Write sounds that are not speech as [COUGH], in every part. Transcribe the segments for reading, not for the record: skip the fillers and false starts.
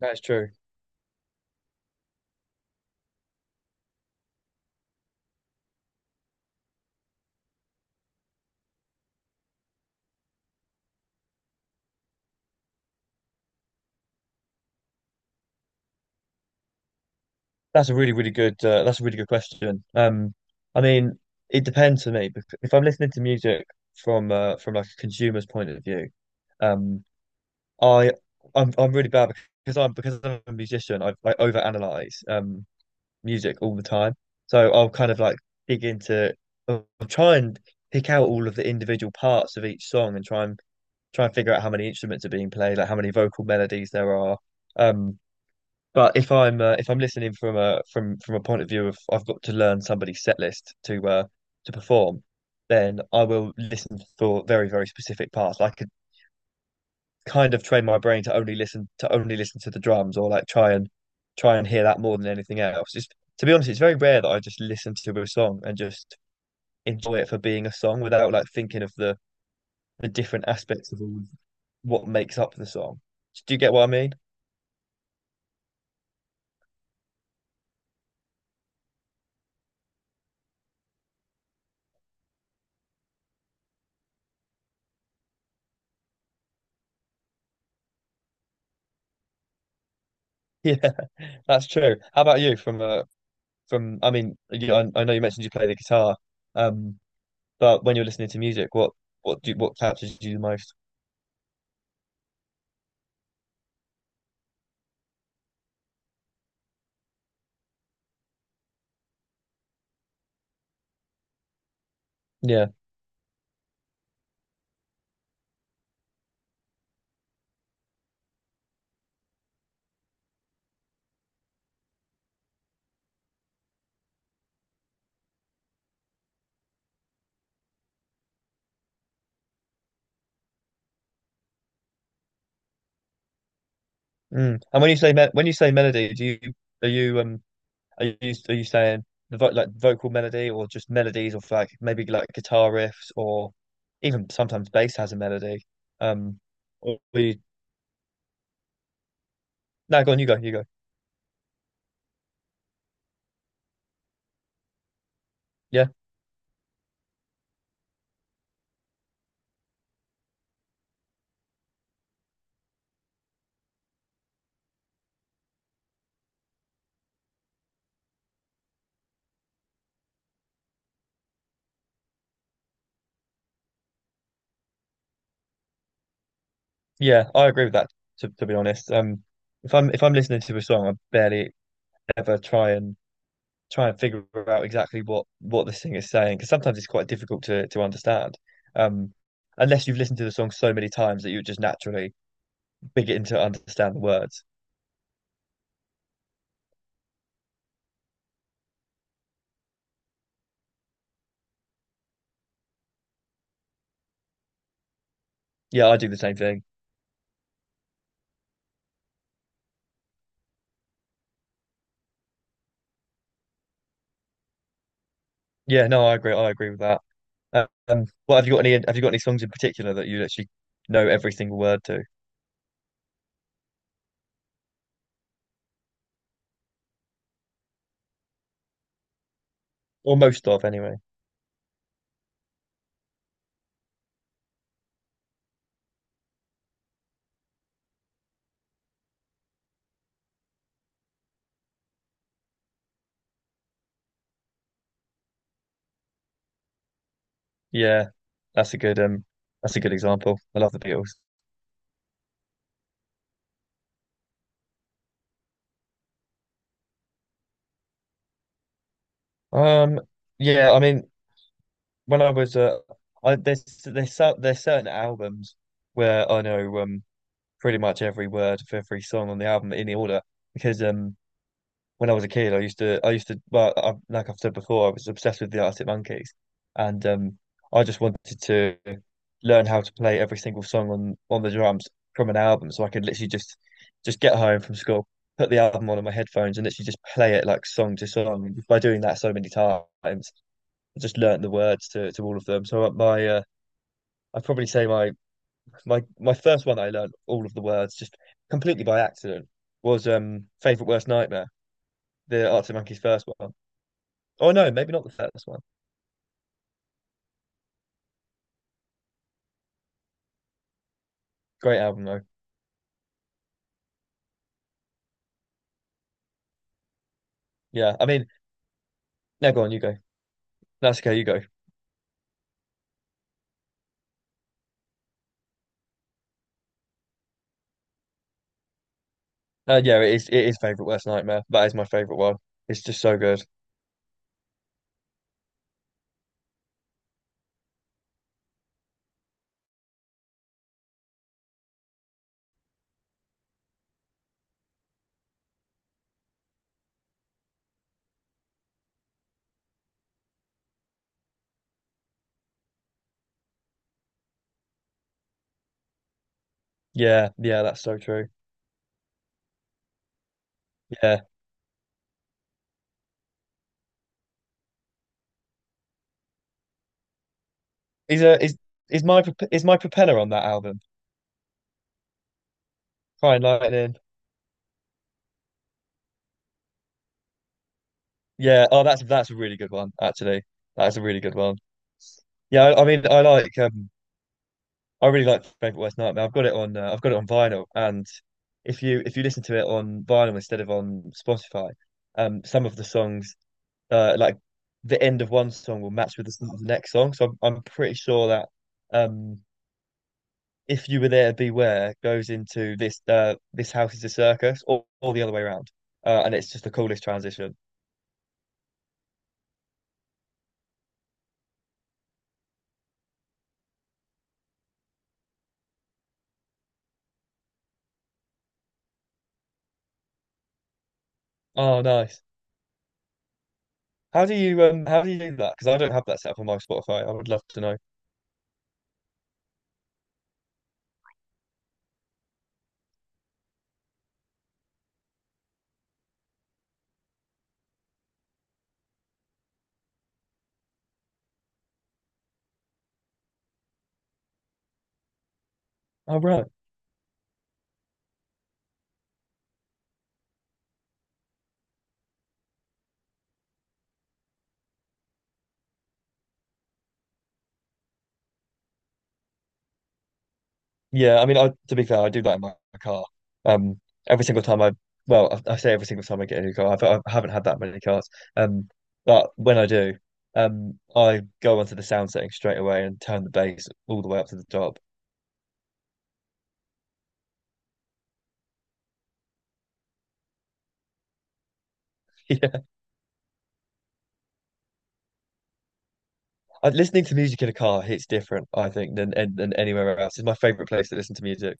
That's true. That's a really, really good. That's a really good question. I mean, it depends for me. If I'm listening to music from like a consumer's point of view, um, I I'm really bad because I'm a musician. I overanalyze music all the time. So I'll kind of like dig into. I'll try and pick out all of the individual parts of each song and try and figure out how many instruments are being played, like how many vocal melodies there are. Um, But if I'm listening from a from a point of view of I've got to learn somebody's set list to perform, then I will listen for very, very specific parts. I could kind of train my brain to only listen to only listen to the drums or like try and hear that more than anything else. Just to be honest, it's very rare that I just listen to a song and just enjoy it for being a song without like thinking of the different aspects of all what makes up the song. Do you get what I mean? [LAUGHS] Yeah, that's true. How about you from a from I mean, you, I know you mentioned you play the guitar, um, but when you're listening to music, what captures you the most? Yeah. Mm. And when you say melody, do you are you are you are you saying the vo like vocal melody or just melodies of like maybe like guitar riffs or even sometimes bass has a melody. Um, or we No, go on, you go, you go. Yeah, yeah, I agree with that. To be honest, if I'm listening to a song, I barely ever try and figure out exactly what this thing is saying because sometimes it's quite difficult to understand um unless you've listened to the song so many times that you just naturally begin to understand the words. Yeah, I do the same thing yeah no, I agree with that. Well, have you got any songs in particular that you actually know every single word to, or most of anyway? Yeah, that's a good um that's a good example. I love the Beatles. um yeah I mean, when I was there's there's certain albums where I know pretty much every word of every song on the album in the order because when I was a kid I used to, well like I've said before, I was obsessed with the Arctic Monkeys, and I just wanted to learn how to play every single song on the drums from an album so I could literally just get home from school, put the album on in my headphones, and literally just play it like song to song. By doing that so many times, I just learnt the words to all of them. So my I'd probably say my my first one that I learned all of the words just completely by accident was Favorite Worst Nightmare, the Arctic Monkeys first one. Oh no, maybe not the first one. Great album though. Yeah, I mean, no, go on, you go. That's okay, you go. Yeah, it is. It is Favorite Worst Nightmare. That is my favorite one. It's just so good. Yeah, yeah, that's so true. Yeah, is a is is my is my propeller on that album? Crying Lightning. Yeah. Oh, that's a really good one actually. That's a really good one. Yeah, I mean, I like I really like Frank Worth Nightmare. I've got it on I've got it on vinyl, and if you listen to it on vinyl instead of on Spotify, some of the songs like the end of one song will match with the start of the next song. So I'm pretty sure that um if you were there, beware goes into this this house is a circus, or the other way around, and it's just the coolest transition. Oh, nice. How do you do that? Because I don't have that set up on my Spotify. I would love to know. Oh, right. Yeah, I mean, I to be fair, I do like my car. Um, every single time well, I say every single time I get a new car, I haven't had that many cars. Um, but when I do, I go onto the sound setting straight away and turn the bass all the way up to the top. [LAUGHS] Yeah, I- listening to music in a car hits different, I think, than than anywhere else. It's my favorite place to listen to music.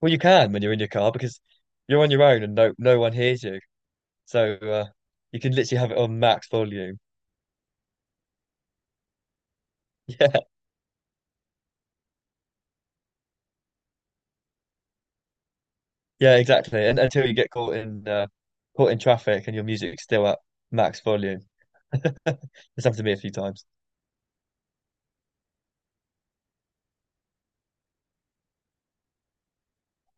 Well, you can when you're in your car because you're on your own and no one hears you, so you can literally have it on max volume. [LAUGHS] Yeah, exactly. And until you get caught in caught in traffic and your music's still at max volume. [LAUGHS] It's happened to me a few times.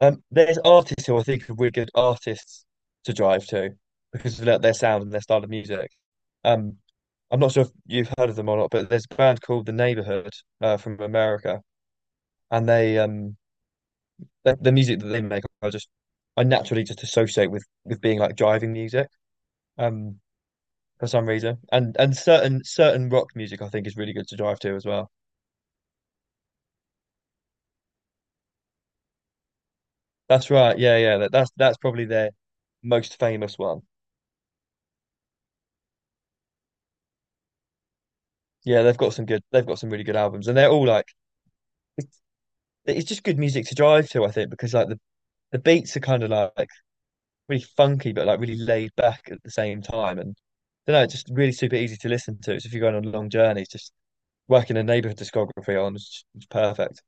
There's artists who I think are really good artists to drive to because of their sound and their style of music. Um, I'm not sure if you've heard of them or not, but there's a band called The Neighborhood from America, and they the music that they make, I just I naturally just associate with being like driving music um for some reason, and certain rock music I think is really good to drive to as well. That's right. Yeah, yeah. That's probably their most famous one. Yeah, they've got some good. They've got some really good albums, and they're all like it's, it's just good music to drive to. I think because like the beats are kind of like really funky, but like really laid back at the same time, and I don't know, it's just really super easy to listen to. So if you're going on long journeys, just working a neighborhood discography on, it's perfect.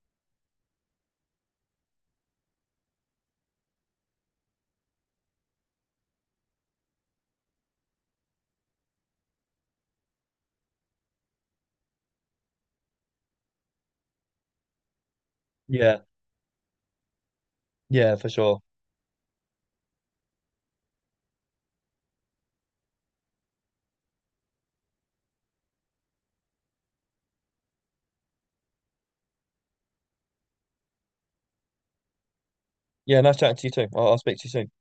Yeah, yeah, for sure. Yeah, nice chatting to you too. I'll speak to you soon.